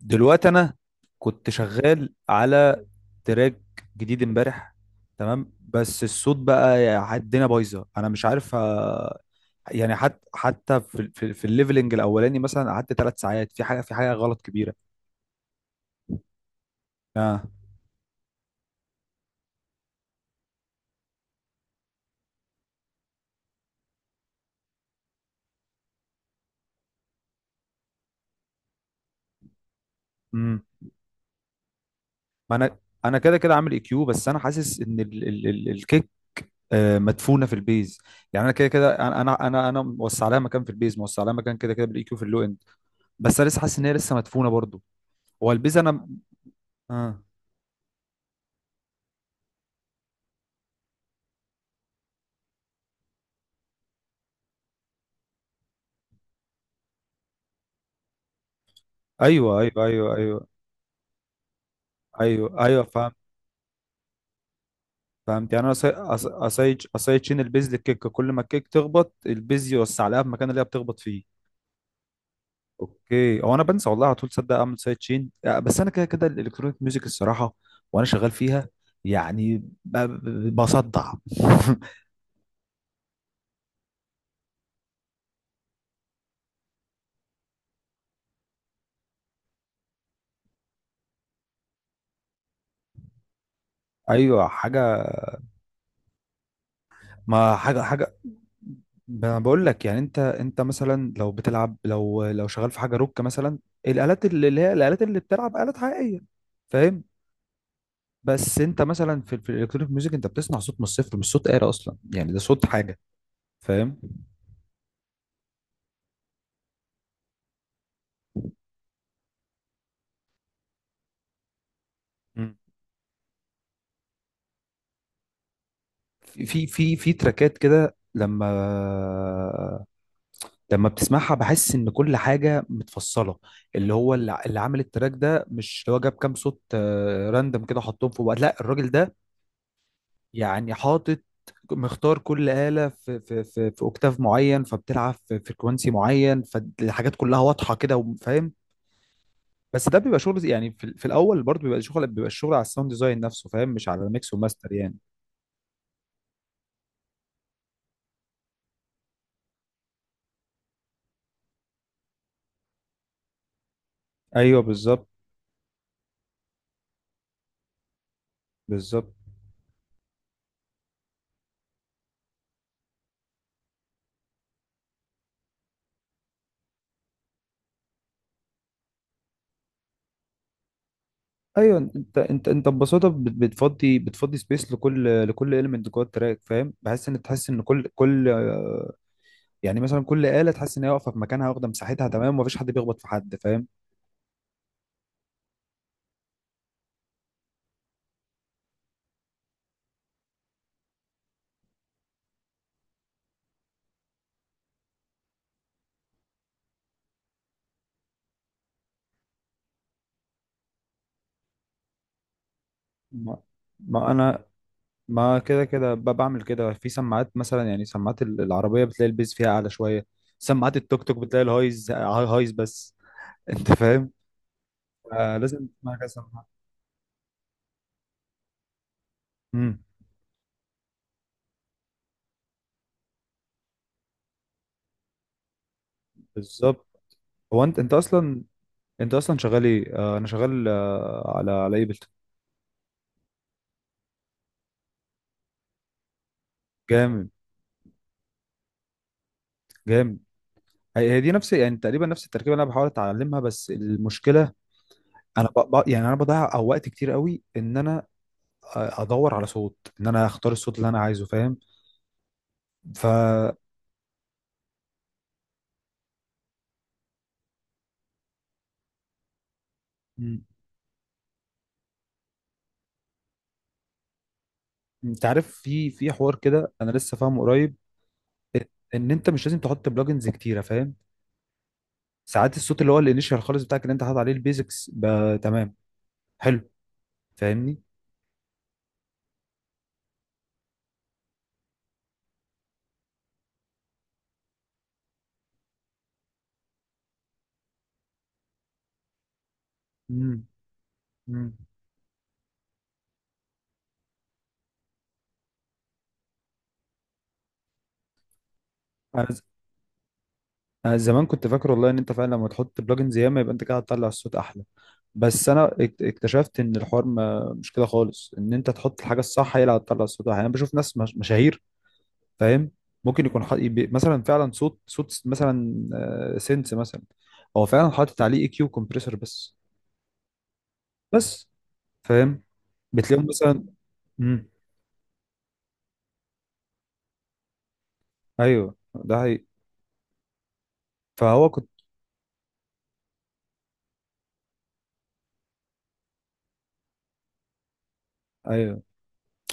دلوقتي انا كنت شغال على تراك جديد امبارح، تمام. بس الصوت بقى الدنيا بايظه، انا مش عارف. يعني حتى في الليفلنج الاولاني مثلا قعدت 3 ساعات في حاجه غلط كبيره. اه. امم ما انا كده كده عامل اي كيو، بس انا حاسس ان ال ال ال الكيك مدفونه في البيز. يعني انا كده كده، انا انا انا أنا موسع لها مكان في البيز، موسع لها مكان كده كده بالاي كيو في اللو اند. بس انا لسه حاسس ان هي لسه مدفونه برضو. هو البيز انا. اه. ايوه، ايوه، ايوه، ايوه، ايوه، ايوه، فهمت. فهمت. يعني انا أصي- أص- أصيد اصيد شين البيز للكيك، كل ما الكيك تخبط البيز يوسع لها في المكان اللي هي بتخبط فيه. اوكي، هو انا بنسى والله على طول. صدق اعمل سايد شين. بس انا كده كده الالكترونيك ميوزك الصراحه، وانا شغال فيها يعني بصدع. ايوه حاجه، ما حاجه. انا بقول لك، يعني انت مثلا لو بتلعب لو لو شغال في حاجه روك مثلا، الالات اللي هي الالات اللي بتلعب الات حقيقيه، فاهم. بس انت مثلا في الالكترونيك ميوزك انت بتصنع صوت من الصفر، مش صوت آلة اصلا، يعني ده صوت حاجة، فاهم. مم. في تراكات كده، لما بتسمعها بحس ان كل حاجه متفصله. اللي هو اللي عامل التراك ده، مش هو جاب كام صوت راندم كده حطهم في بعض، لا، الراجل ده يعني حاطط، مختار كل آلة في اوكتاف معين، فبتلعب في فريكونسي معين، فالحاجات كلها واضحه كده، وفاهم. بس ده بيبقى شغل، يعني في الاول برضه بيبقى الشغل على الساوند ديزاين نفسه، فاهم، مش على الميكس وماستر يعني. ايوه بالظبط. بالظبط ايوه. انت ببساطه بتفضي سبيس لكل المنت جوه التراك، فاهم. بحس ان تحس ان كل كل آه، يعني مثلا كل آلة تحس ان هي واقفه في مكانها، واخده مساحتها تمام، ومفيش حد بيخبط في حد، فاهم. ما, ما انا ما كده كده بعمل كده في سماعات مثلا، يعني سماعات العربيه بتلاقي البيز فيها اعلى شويه. سماعات التوك توك بتلاقي الهايز بس. انت فاهم. آه، لازم تسمع كذا مرة. امم بالظبط. هو انت اصلا شغال ايه؟ انا شغال على ايبل. جامد، جامد. هي دي نفس، يعني تقريبا نفس التركيبه اللي انا بحاول اتعلمها، بس المشكله انا يعني انا بضيع أو وقت كتير قوي، ان انا ادور على صوت، ان انا اختار الصوت اللي انا عايزه، فاهم. ف. مم. انت عارف، في حوار كده، انا لسه فاهمه قريب، ان انت مش لازم تحط بلجنز كتيره، فاهم. ساعات الصوت، اللي هو الانيشال خالص بتاعك، اللي انت حاطط عليه البيزكس، تمام، حلو، فاهمني. مم. مم. انا ز- أنا زمان كنت فاكر والله ان انت فعلا لما تحط بلجنز ياما يبقى انت كده هتطلع الصوت احلى. بس انا اكتشفت ان الحوار ما مش كده خالص، ان انت تحط الحاجه الصح هي اللي هتطلع الصوت احلى. يعني انا بشوف ناس مشاهير، فاهم. ممكن يكون مثلا فعلا مثلا سينس مثلا، هو فعلا حاطط عليه اي كيو كومبريسور بس. بس فاهم. بتلاقيهم مثلا. امم ايوه، ده حقيقي. فهو كنت. ايوه.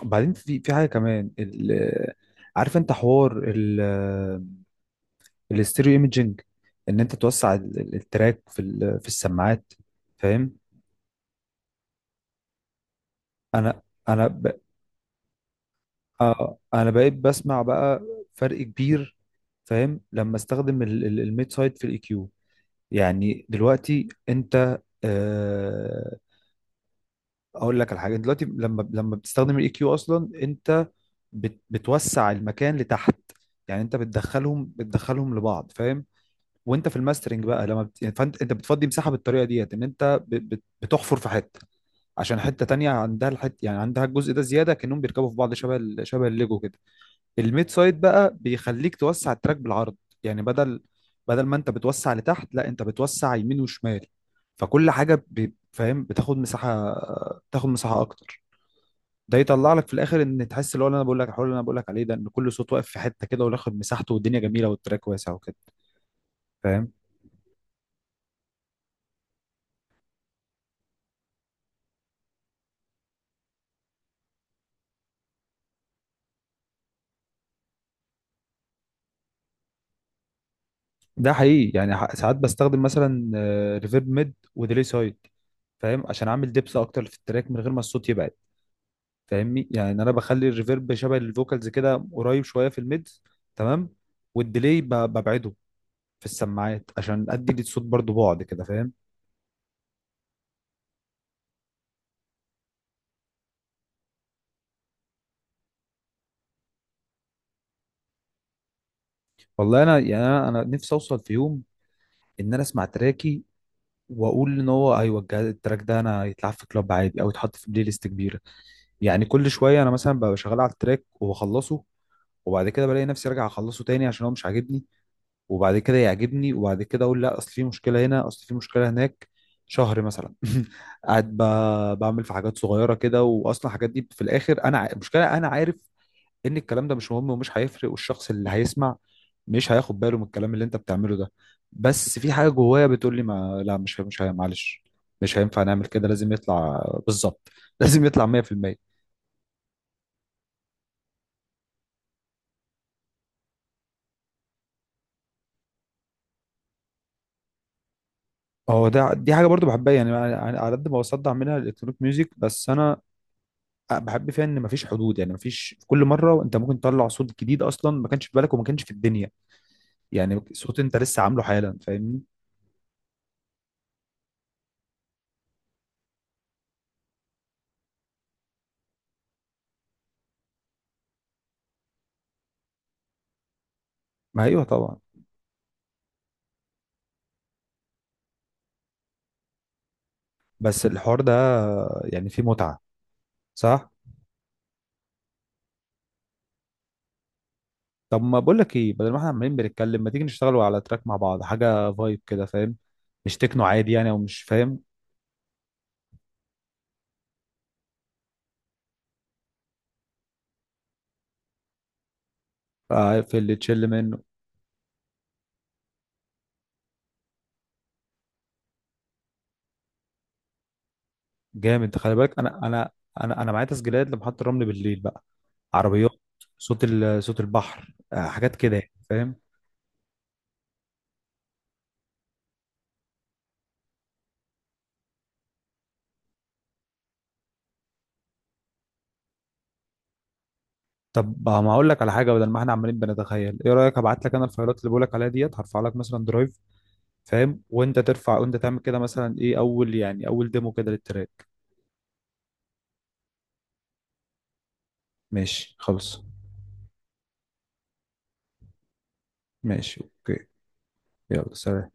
بعدين في حاجه كمان، عارف انت حوار الاستيريو ايميجينج، ان انت توسع التراك في السماعات، فاهم. انا انا ب... آه انا بقيت بسمع بقى، فرق كبير. فاهم لما استخدم الميد سايد في الاي كيو. يعني دلوقتي انت، اقول لك على حاجه، دلوقتي لما بتستخدم الاي كيو اصلا، انت بتوسع المكان لتحت. يعني انت بتدخلهم لبعض، فاهم. وانت في الماسترنج بقى لما يعني فانت بتفضي مساحه بالطريقه ديت، ان انت بتحفر في حته عشان حته تانية عندها الحته، يعني عندها الجزء ده زياده، كانهم بيركبوا في بعض، شبه الليجو كده. الميد سايد بقى بيخليك توسع التراك بالعرض. يعني بدل ما انت بتوسع لتحت، لا، انت بتوسع يمين وشمال. فكل حاجه فاهم، بتاخد مساحه اكتر. ده يطلع لك في الاخر ان تحس اللي هو اللي انا بقول لك، الحوار اللي انا بقول لك عليه ده، ان كل صوت واقف في حته كده وياخد مساحته، والدنيا جميله والتراك واسع وكده، فاهم. ده حقيقي. يعني ساعات بستخدم مثلا ريفيرب ميد وديلي سايد، فاهم، عشان اعمل دبس اكتر في التراك من غير ما الصوت يبعد. فاهمني. يعني انا بخلي الريفيرب شبه الفوكالز كده، قريب شويه في الميدز، تمام. والديلي ببعده في السماعات عشان ادي للصوت برضو بعد كده، فاهم. والله انا، يعني أنا نفسي اوصل في يوم ان انا اسمع تراكي واقول ان هو ايوه، التراك ده انا يتلعب في كلاب عادي او يتحط في بلاي ليست كبيره. يعني كل شويه انا مثلا ببقى شغال على التراك وبخلصه، وبعد كده بلاقي نفسي راجع اخلصه تاني عشان هو مش عاجبني، وبعد كده يعجبني، وبعد كده اقول لا، اصل في مشكله هنا، اصل في مشكله هناك. شهر مثلا. قاعد بعمل في حاجات صغيره كده. واصلا الحاجات دي في الاخر انا، المشكله انا عارف ان الكلام ده مش مهم ومش هيفرق، والشخص اللي هيسمع مش هياخد باله من الكلام اللي انت بتعمله ده. بس في حاجه جوايا بتقول لي، ما لا، مش معلش، مش هينفع نعمل كده. لازم يطلع بالظبط. لازم يطلع 100%. هو ده، دي حاجه برضو بحبها. يعني على قد ما بصدع منها الالكترونيك ميوزك، بس انا بحب فيها ان مفيش حدود. يعني مفيش، في كل مره انت ممكن تطلع صوت جديد اصلا ما كانش في بالك وما كانش في الدنيا، يعني صوت انت لسه عامله حالا، فاهمني. ما ايوه طبعا. بس الحوار ده يعني فيه متعه، صح. طب، ما بقول لك ايه، بدل ما احنا عمالين بنتكلم، ما تيجي نشتغلوا على تراك مع بعض، حاجه فايب كده، فاهم. مش تكنو عادي يعني، او مش فاهم. في اللي تشيل منه. جامد. خلي بالك انا معايا تسجيلات لمحطة الرمل بالليل بقى، عربيات، صوت صوت البحر، حاجات كده يعني، فاهم. طب، ما اقول لك على حاجه، بدل ما احنا عمالين بنتخيل. ايه رايك ابعت لك انا الفايلات اللي بقول لك عليها ديت، هرفع لك مثلا درايف، فاهم، وانت ترفع وانت تعمل كده مثلا ايه، اول، يعني اول ديمو كده للتراك. ماشي خلاص. ماشي اوكي. يلا سلام.